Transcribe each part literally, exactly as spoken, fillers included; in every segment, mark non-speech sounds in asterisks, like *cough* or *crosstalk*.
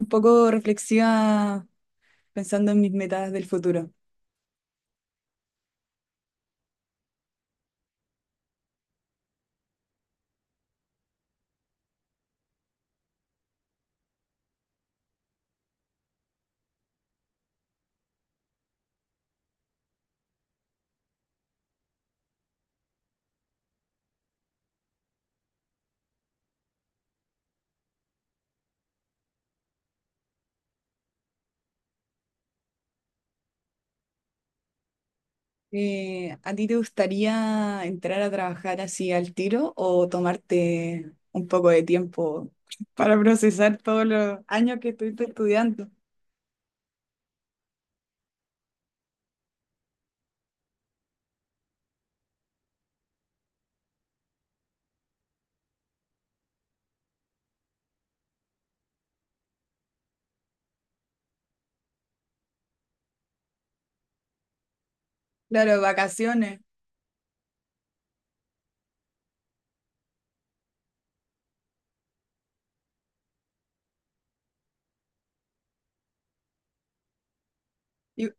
Un poco reflexiva pensando en mis metas del futuro. Eh, ¿a ti te gustaría entrar a trabajar así al tiro o tomarte un poco de tiempo *laughs* para procesar todos los años que estuviste estudiando? Claro, vacaciones. I-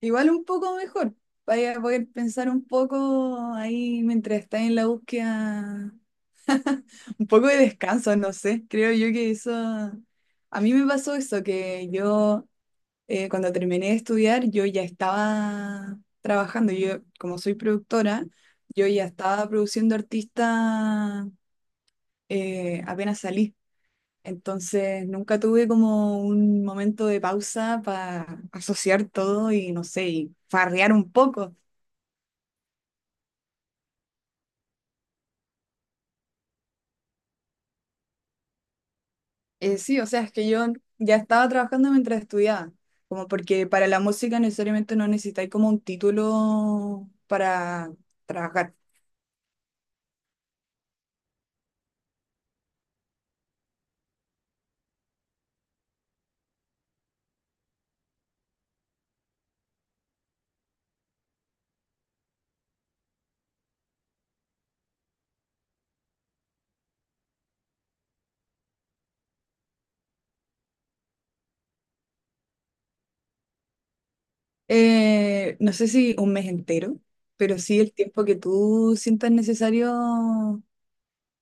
Igual un poco mejor. Vaya a poder pensar un poco ahí mientras estás en la búsqueda. Un poco de descanso, no sé. Creo yo que eso... A mí me pasó eso, que yo eh, cuando terminé de estudiar, yo ya estaba trabajando. Yo, como soy productora, yo ya estaba produciendo artistas eh, apenas salí. Entonces, nunca tuve como un momento de pausa para asociar todo y, no sé, y farrear un poco. Eh, sí, o sea, es que yo ya estaba trabajando mientras estudiaba. Como porque para la música necesariamente no necesitáis como un título para trabajar. Eh, no sé si un mes entero, pero sí el tiempo que tú sientas necesario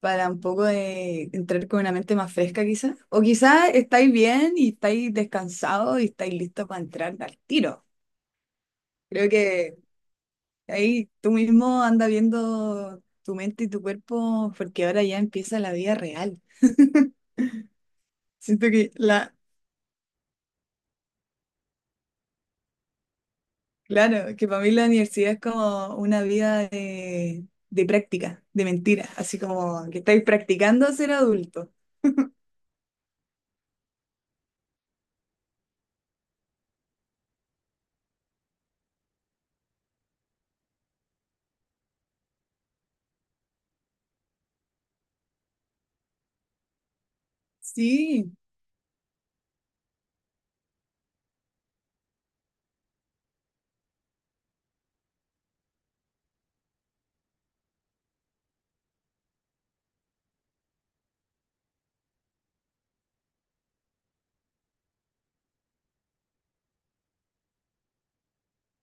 para un poco de entrar con una mente más fresca quizás. O quizás estáis bien y estáis descansados y estáis listos para entrar al tiro. Creo que ahí tú mismo anda viendo tu mente y tu cuerpo porque ahora ya empieza la vida real. *laughs* Siento que la, Claro, que para mí la universidad es como una vida de, de práctica, de mentira, así como que estáis practicando a ser adulto. *laughs* Sí,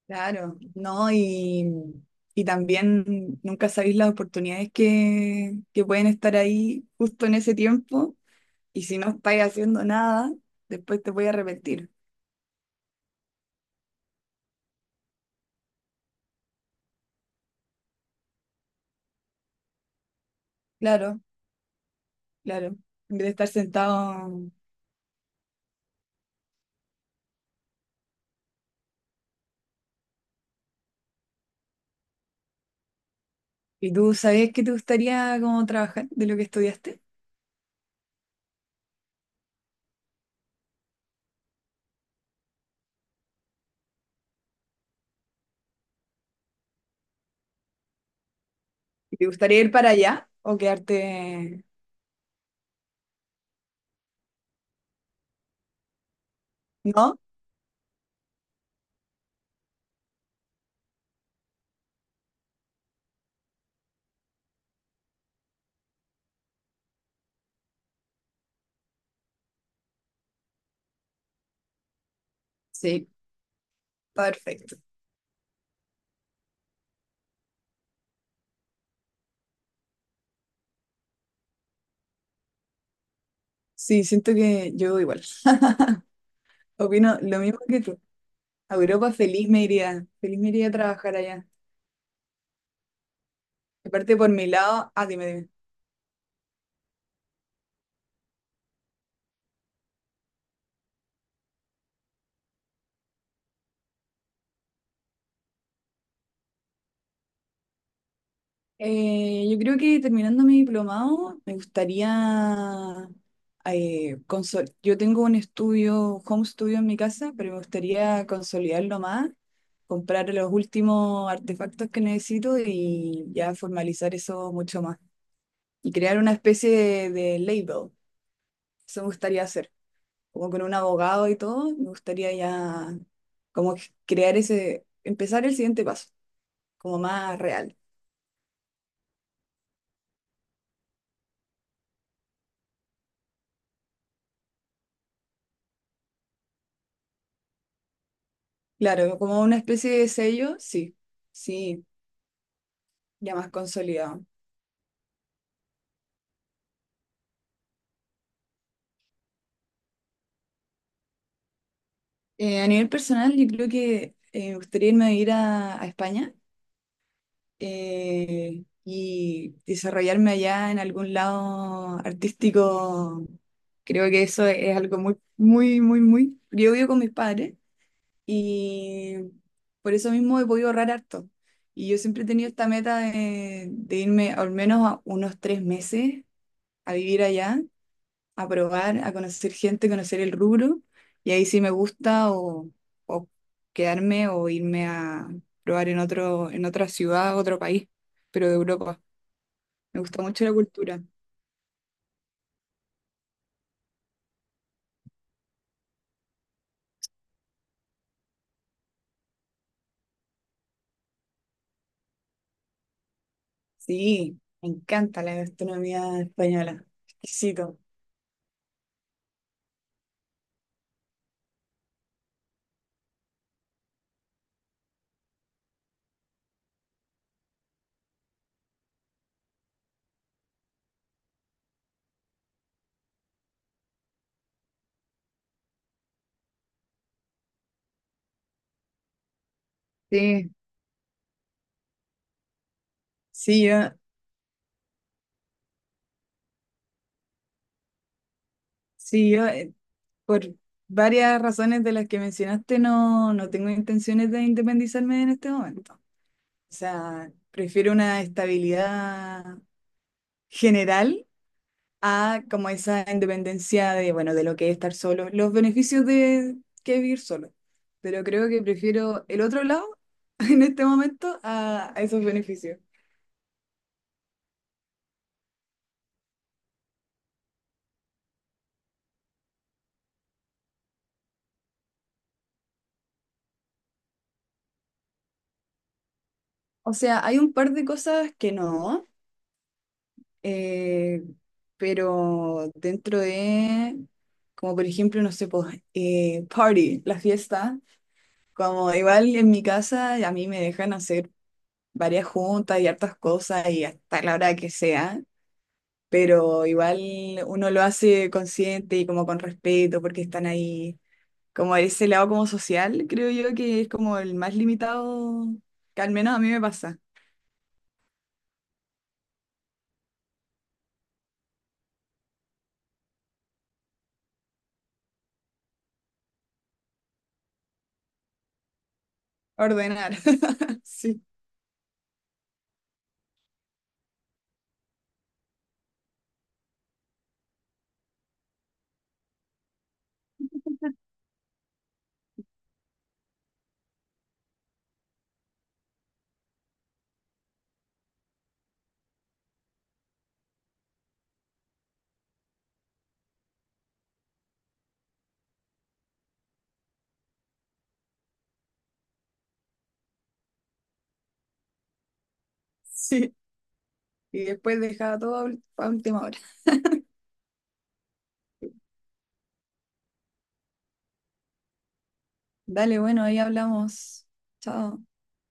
claro, no, y, y también nunca sabéis las oportunidades que, que pueden estar ahí justo en ese tiempo, y si no estáis haciendo nada, después te voy a arrepentir. Claro, claro, en vez de estar sentado. ¿Y tú sabías que te gustaría como trabajar de lo que estudiaste? ¿Te gustaría ir para allá o quedarte? ¿No? Sí, perfecto. Sí, siento que yo igual. *laughs* Opino lo mismo que tú. A Europa feliz me iría. Feliz me iría a trabajar allá. Aparte por mi lado, ah, dime, dime. Eh, yo creo que terminando mi diplomado me gustaría eh, consol- yo tengo un estudio, home studio en mi casa, pero me gustaría consolidarlo más, comprar los últimos artefactos que necesito y ya formalizar eso mucho más, y crear una especie de, de label. Eso me gustaría hacer, como con un abogado y todo, me gustaría ya como crear ese, empezar el siguiente paso, como más real. Claro, como una especie de sello, sí, sí, ya más consolidado. Eh, a nivel personal, yo creo que eh, me gustaría irme a ir a, a España eh, y desarrollarme allá en algún lado artístico. Creo que eso es algo muy, muy, muy, muy. Yo vivo con mis padres y por eso mismo he podido ahorrar harto. Y yo siempre he tenido esta meta de, de irme al menos a unos tres meses a vivir allá, a probar, a conocer gente, conocer el rubro. Y ahí sí me gusta o, o quedarme o irme a probar en otro, en otra ciudad, otro país, pero de Europa. Me gusta mucho la cultura. Sí, me encanta la gastronomía española. Exquisito. Sí, sí, yo, sí, yo. eh, Por varias razones de las que mencionaste, no, no tengo intenciones de independizarme en este momento. O sea, prefiero una estabilidad general a como esa independencia de, bueno, de lo que es estar solo, los beneficios de que es vivir solo. Pero creo que prefiero el otro lado *laughs* en este momento a, a esos beneficios. O sea, hay un par de cosas que no. Eh, pero dentro de, como por ejemplo, no sé, pues, eh, party, la fiesta, como igual en mi casa a mí me dejan hacer varias juntas y hartas cosas y hasta la hora que sea, pero igual uno lo hace consciente y como con respeto porque están ahí, como ese lado como social, creo yo que es como el más limitado, que al menos a mí me pasa, ordenar, *laughs* sí, sí, y después dejar todo a ul- a última hora. Dale, bueno, ahí hablamos. Chao.